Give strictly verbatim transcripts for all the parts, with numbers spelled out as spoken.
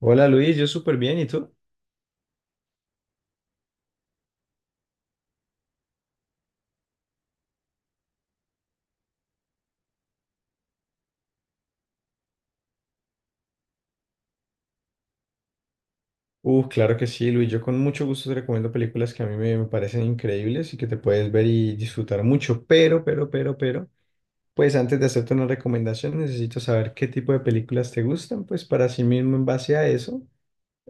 Hola Luis, yo súper bien, ¿y tú? Uh, claro que sí, Luis, yo con mucho gusto te recomiendo películas que a mí me, me parecen increíbles y que te puedes ver y disfrutar mucho, pero, pero, pero, pero, pues antes de hacerte una recomendación necesito saber qué tipo de películas te gustan, pues para sí mismo en base a eso,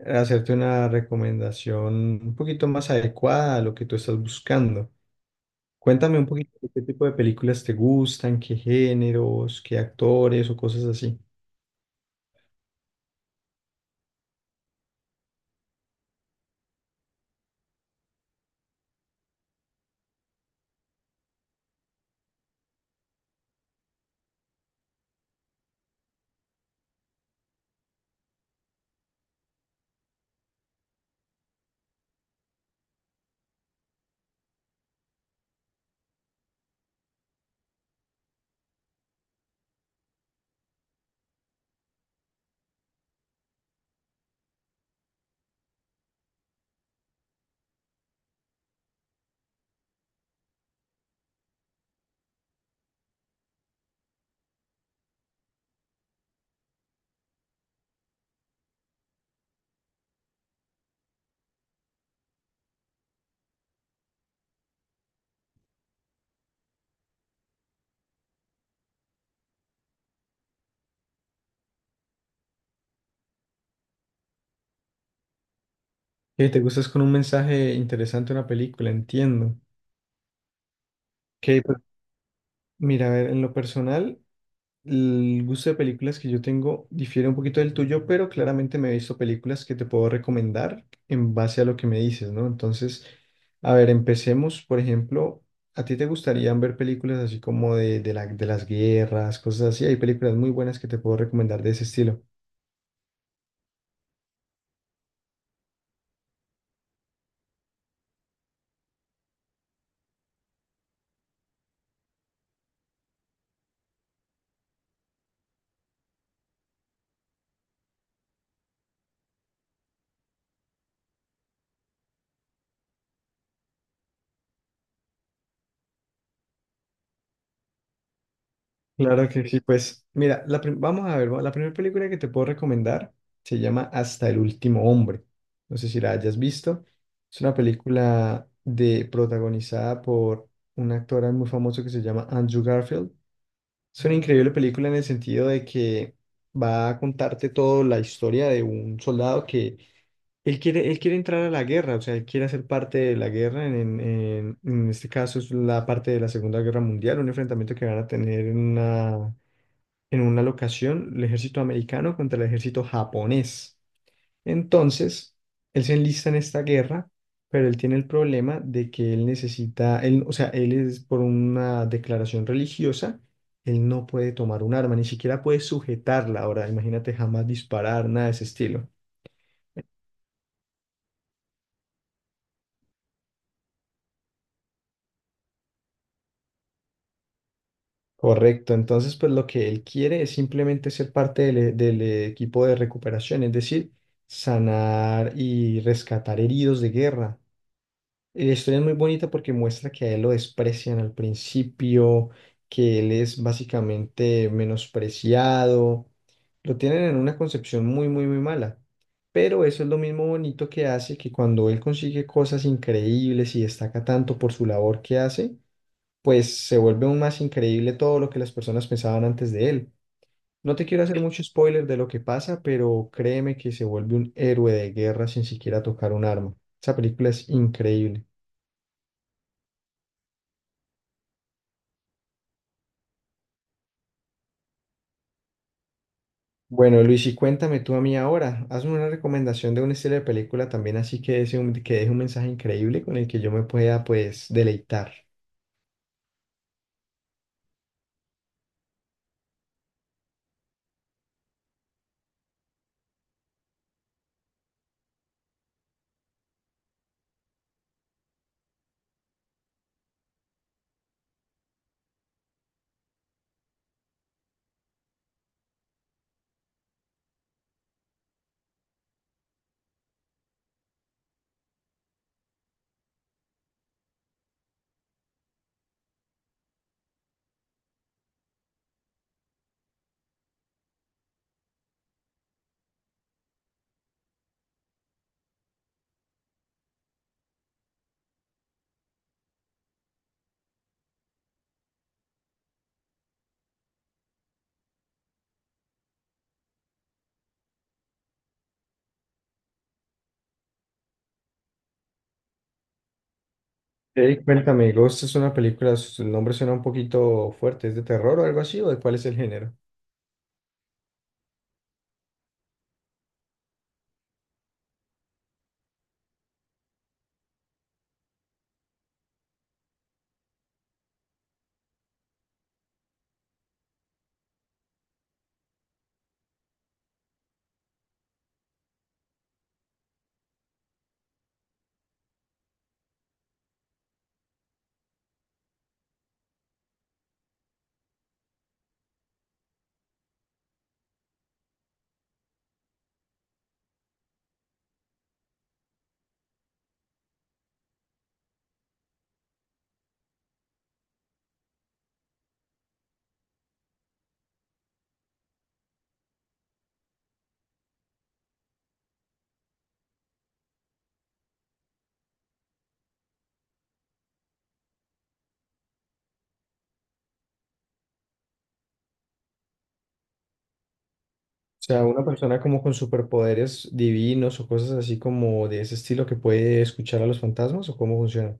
hacerte una recomendación un poquito más adecuada a lo que tú estás buscando. Cuéntame un poquito de qué tipo de películas te gustan, qué géneros, qué actores o cosas así. Y te gustas con un mensaje interesante una película, entiendo. Que pues, mira, a ver, en lo personal, el gusto de películas que yo tengo difiere un poquito del tuyo, pero claramente me he visto películas que te puedo recomendar en base a lo que me dices, ¿no? Entonces, a ver, empecemos, por ejemplo, ¿a ti te gustarían ver películas así como de, de la- de las guerras, cosas así? Hay películas muy buenas que te puedo recomendar de ese estilo. Claro que sí, pues mira, la prim- vamos a ver, va- la primera película que te puedo recomendar se llama Hasta el último hombre. No sé si la hayas visto. Es una película de protagonizada por un actor muy famoso que se llama Andrew Garfield. Es una increíble película en el sentido de que va a contarte toda la historia de un soldado que él quiere, él quiere entrar a la guerra, o sea, él quiere hacer parte de la guerra, en, en en este caso es la parte de la Segunda Guerra Mundial, un enfrentamiento que van a tener en una en una locación el ejército americano contra el ejército japonés. Entonces, él se enlista en esta guerra, pero él tiene el problema de que él necesita, él, o sea, él es por una declaración religiosa, él no puede tomar un arma, ni siquiera puede sujetarla. Ahora, imagínate jamás disparar, nada de ese estilo. Correcto, entonces pues lo que él quiere es simplemente ser parte del, e- del equipo de recuperación, es decir, sanar y rescatar heridos de guerra. Y la historia es muy bonita porque muestra que a él lo desprecian al principio, que él es básicamente menospreciado. Lo tienen en una concepción muy, muy, muy mala. Pero eso es lo mismo bonito que hace que cuando él consigue cosas increíbles y destaca tanto por su labor que hace, pues se vuelve aún más increíble todo lo que las personas pensaban antes de él. No te quiero hacer mucho spoiler de lo que pasa, pero créeme que se vuelve un héroe de guerra sin siquiera tocar un arma. Esa película es increíble. Bueno, Luis, y cuéntame tú a mí ahora, hazme una recomendación de un estilo de película también, así que deje un, que deje un mensaje increíble con el que yo me pueda, pues, deleitar. Eh, cuéntame, Ghost es una película, su nombre suena un poquito fuerte, ¿es de terror o algo así, o de cuál es el género? O sea, una persona como con superpoderes divinos o cosas así como de ese estilo que puede escuchar a los fantasmas, ¿o cómo funciona?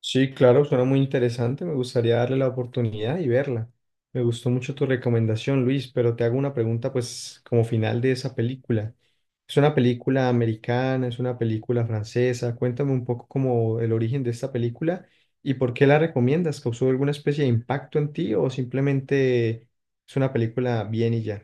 Sí, claro, suena muy interesante. Me gustaría darle la oportunidad y verla. Me gustó mucho tu recomendación, Luis, pero te hago una pregunta, pues, como final de esa película. ¿Es una película americana? ¿Es una película francesa? Cuéntame un poco como el origen de esta película y por qué la recomiendas. ¿Causó alguna especie de impacto en ti o simplemente es una película bien y ya?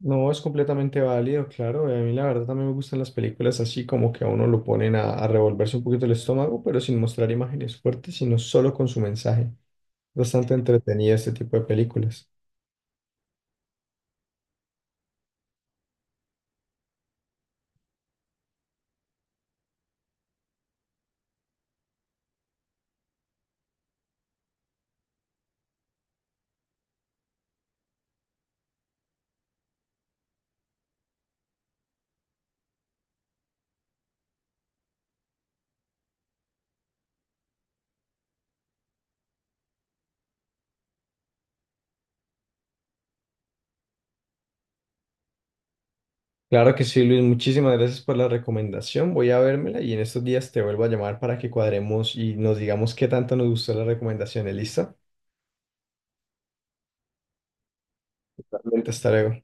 No, es completamente válido, claro. Y a mí la verdad también me gustan las películas así como que a uno lo ponen a, a revolverse un poquito el estómago, pero sin mostrar imágenes fuertes, sino solo con su mensaje. Bastante entretenida este tipo de películas. Claro que sí, Luis, muchísimas gracias por la recomendación. Voy a vérmela y en estos días te vuelvo a llamar para que cuadremos y nos digamos qué tanto nos gustó la recomendación, ¿listo? Totalmente, hasta luego.